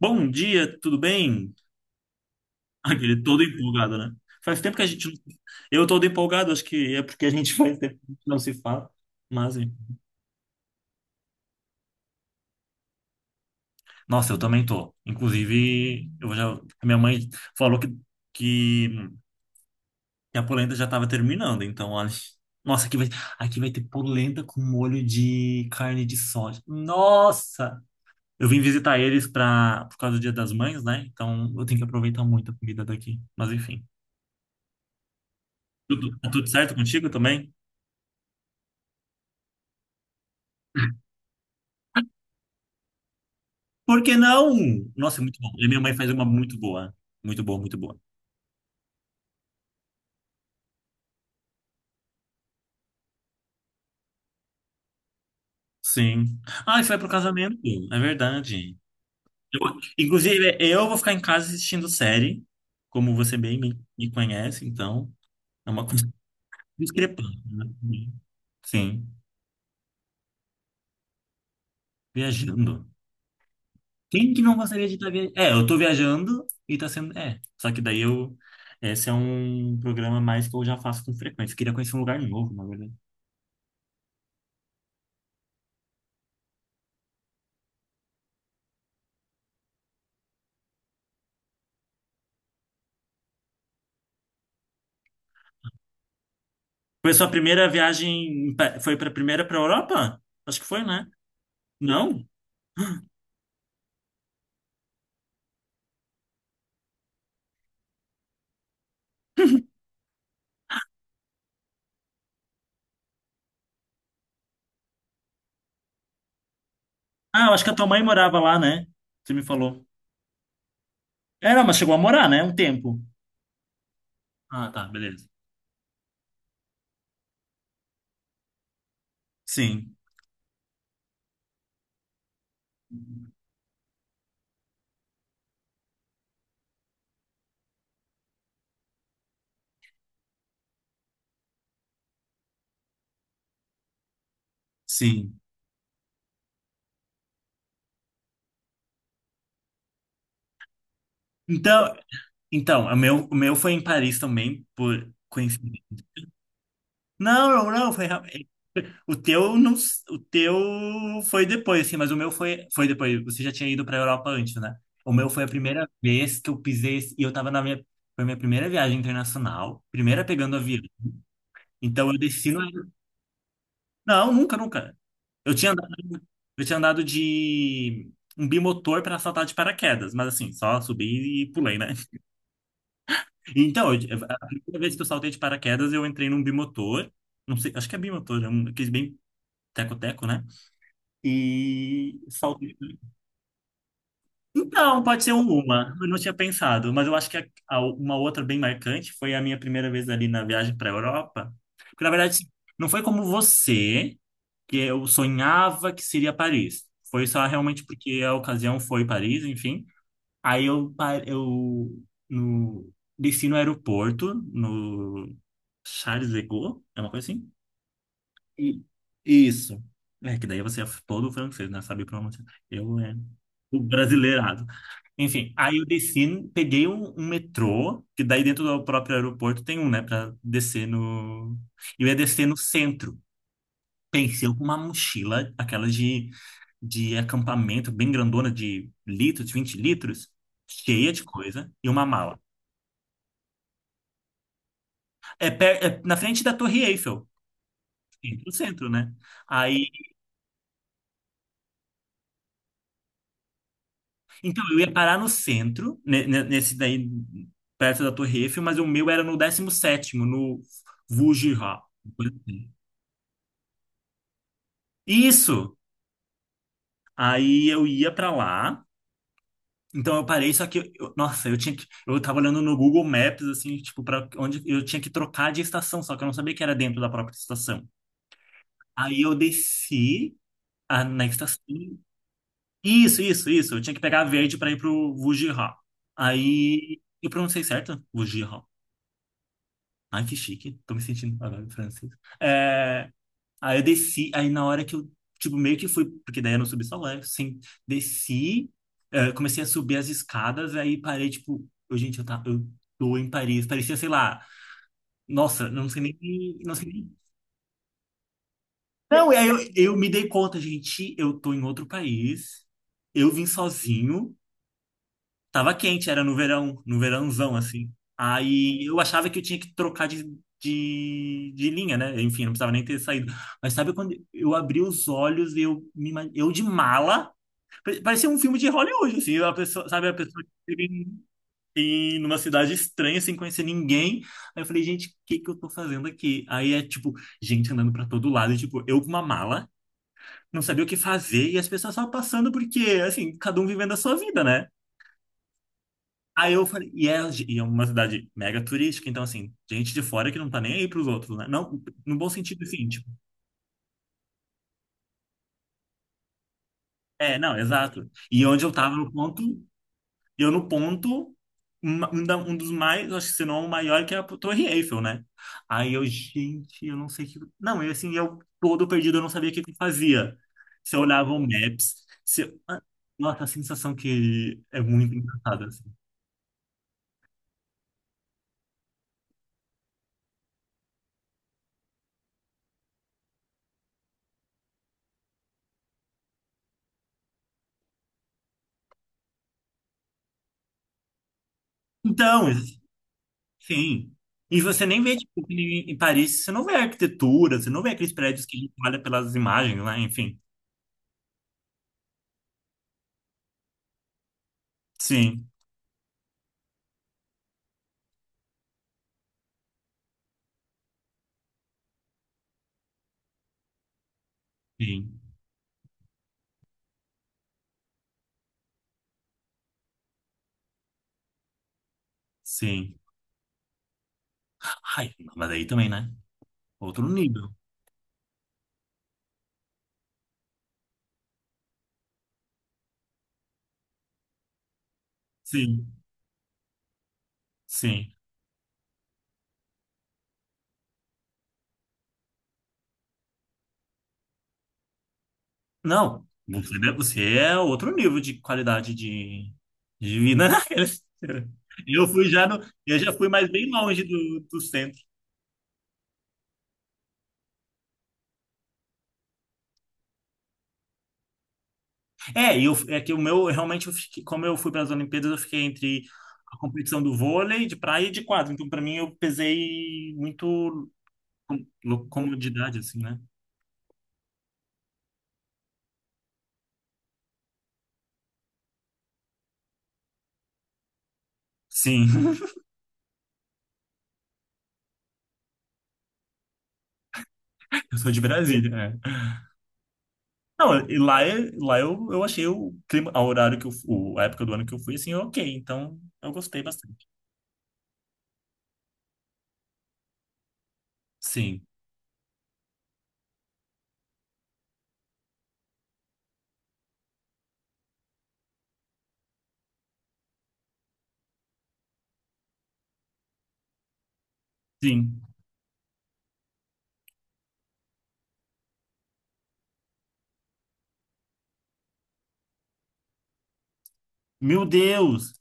Bom dia, tudo bem? Aquele todo empolgado, né? Faz tempo que a gente não. Eu todo empolgado, acho que é porque a gente faz tempo que não se fala. Mas, hein. Nossa, eu também tô. Inclusive, eu já. A minha mãe falou que, que a polenta já tava terminando, então, olha. Nossa, aqui vai ter polenta com molho de carne de soja. Nossa! Eu vim visitar eles por causa do Dia das Mães, né? Então, eu tenho que aproveitar muito a comida daqui. Mas, enfim. Tudo, tá tudo certo contigo também? Por que não? Nossa, é muito bom. E minha mãe faz uma muito boa. Muito boa, muito boa. Sim. Ah, e foi pro casamento. É verdade. Eu- Inclusive, eu vou ficar em casa assistindo série, como você bem me conhece, então é uma coisa discrepante, né? Sim. Viajando. Quem que não gostaria de estar viajando? É, eu tô viajando e tá sendo. É, só que daí eu. Esse é um programa mais que eu já faço com frequência. Queria conhecer um lugar novo, na verdade. Foi sua primeira viagem, foi para primeira para Europa? Acho que foi, né? Não? Ah, eu acho que a tua mãe morava lá, né? Você me falou. É, não, mas chegou a morar, né? Um tempo. Ah, tá, beleza. Sim, sim. Então, então, o meu foi em Paris também, por coincidência. Não, não, não, o teu não, o teu foi depois assim, mas o meu foi depois. Você já tinha ido para a Europa antes, né? O meu foi a primeira vez que eu pisei e eu tava na minha foi minha primeira viagem internacional, primeira pegando avião. Então eu defino. Não, nunca, nunca. Eu tinha andado, eu tinha andado de um bimotor para saltar de paraquedas, mas assim, só subi e pulei, né? Então, a primeira vez que eu saltei de paraquedas, eu entrei num bimotor, não sei, acho que é bimotor, é um, aqueles bem teco-teco, né? E saltei. Então, pode ser um, uma, eu não tinha pensado, mas eu acho que uma outra bem marcante foi a minha primeira vez ali na viagem para a Europa. Porque, na verdade, assim, não foi como você, que eu sonhava que seria Paris. Foi só realmente porque a ocasião foi Paris, enfim. Aí eu, no, desci no aeroporto, no Charles de Gaulle, é uma coisa assim? E- Isso. É, que daí você é todo francês, né? Sabe pronunciar. Eu é o brasileirado. Enfim, aí eu desci, peguei um metrô, que daí dentro do próprio aeroporto tem um, né, pra descer no. Eu ia descer no centro. Pensei com uma mochila, aquela de acampamento, bem grandona, de litros, 20 litros, cheia de coisa, e uma mala. É, é na frente da Torre Eiffel, no centro, né? Aí, então, eu ia parar no centro, nesse daí, perto da Torre Eiffel, mas o meu era no 17º no Vujira. Isso! Aí eu ia pra lá. Então eu parei, só que, nossa, eu tinha que, eu tava olhando no Google Maps, assim, tipo, para onde eu tinha que trocar de estação, só que eu não sabia que era dentro da própria estação. Aí eu desci na estação. Isso, isso, isso. Eu tinha que pegar a verde para ir pro Wujiha. Aí eu pronunciei certo? Wujiha. Ai, que chique. Tô me sentindo agora francês. É, aí eu desci, aí na hora que eu, tipo, meio que fui, porque daí eu não subi sozinho, assim, desci, comecei a subir as escadas, aí parei, tipo, eu, gente, eu, tá, eu tô em Paris, parecia, sei lá, nossa, eu não sei nem, não sei nem. Não, e aí eu me dei conta, gente, eu tô em outro país, eu vim sozinho. Tava quente, era no verão, no verãozão, assim. Aí eu achava que eu tinha que trocar de linha, né? Enfim, não precisava nem ter saído. Mas sabe quando eu abri os olhos e eu de mala, parecia um filme de Hollywood, assim, a pessoa, sabe, a pessoa que chega numa cidade estranha, sem conhecer ninguém. Aí eu falei, gente, o que que eu tô fazendo aqui? Aí é, tipo, gente andando pra todo lado, e, tipo, eu com uma mala, não sabia o que fazer, e as pessoas só passando porque, assim, cada um vivendo a sua vida, né? Aí eu falei, e é uma cidade mega turística, então assim, gente de fora que não tá nem aí pros outros, né? Não, no bom sentido, assim, tipo, é, não, exato. E onde eu tava no ponto, eu no ponto, uma- um, da- um dos mais, acho que se não o maior, que é a Torre Eiffel, né? Aí eu, gente, eu não sei o que. Não, eu assim, eu todo perdido, eu não sabia o que que eu fazia. Se eu olhava o Maps, se eu. Ah, nossa, a sensação que é muito engraçada, assim. Então. Sim. E você nem vê, tipo, que em Paris, você não vê arquitetura, você não vê aqueles prédios que a gente olha pelas imagens, lá. Enfim. Sim, sim, sim. Ai, mas aí também, né? Outro nível. Sim, sim. Não, você, né, você é outro nível de qualidade de vida, né? Eu fui já no, eu já fui mais bem longe do centro. É, e eu, é que o meu, realmente, como eu fui para as Olimpíadas, eu fiquei entre a competição do vôlei, de praia e de quadro. Então, para mim, eu pesei muito comodidade, assim, né? Sim, eu sou de Brasília, é. Não, e lá, lá eu achei o clima, o horário que a época do ano que eu fui, assim, ok. Então, eu gostei bastante. Sim, sim. Meu Deus!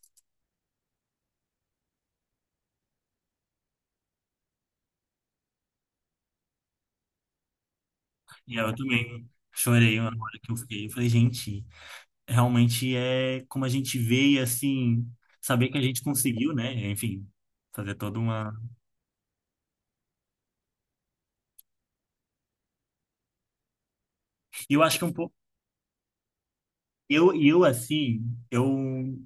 E eu também chorei na hora que eu fiquei. Eu falei, gente. Realmente é como a gente vê e assim, saber que a gente conseguiu, né? Enfim, fazer toda uma. E eu acho que um pouco. Eu assim, eu,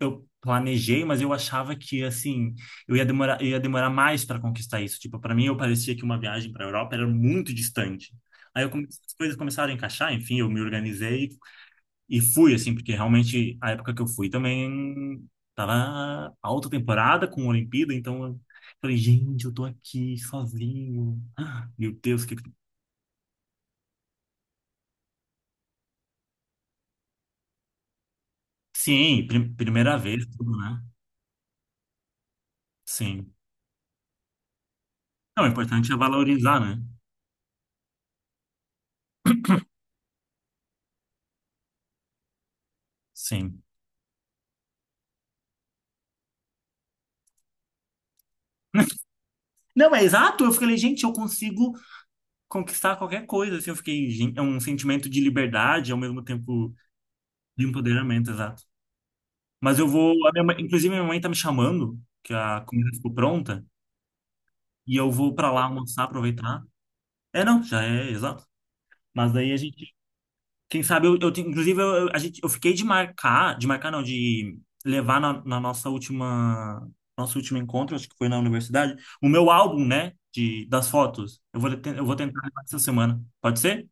eu planejei, mas eu achava que, assim, eu ia demorar mais para conquistar isso. Tipo, para mim, eu parecia que uma viagem para a Europa era muito distante. Aí as coisas começaram a encaixar, enfim, eu me organizei. E fui, assim, porque realmente a época que eu fui também tava alta temporada com a Olimpíada, então eu falei, gente, eu tô aqui sozinho. Ah, Meu Deus, que. Sim, primeira vez, tudo, né? Sim. Não, o importante é valorizar, né? Sim. Não, é exato. Eu falei, gente, eu consigo conquistar qualquer coisa. Assim, eu fiquei, gente, é um sentimento de liberdade, ao mesmo tempo de empoderamento, exato. Mas eu vou. Inclusive, minha mãe tá me chamando, que a comida ficou pronta. E eu vou para lá almoçar, aproveitar. É, não, já é, exato. Mas daí a gente, quem sabe, inclusive, eu fiquei de marcar não, de levar na nossa última, nosso último encontro, acho que foi na universidade, o meu álbum, né, das fotos. Eu vou tentar levar essa semana. Pode ser?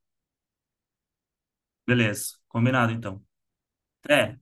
Beleza, combinado então. Até.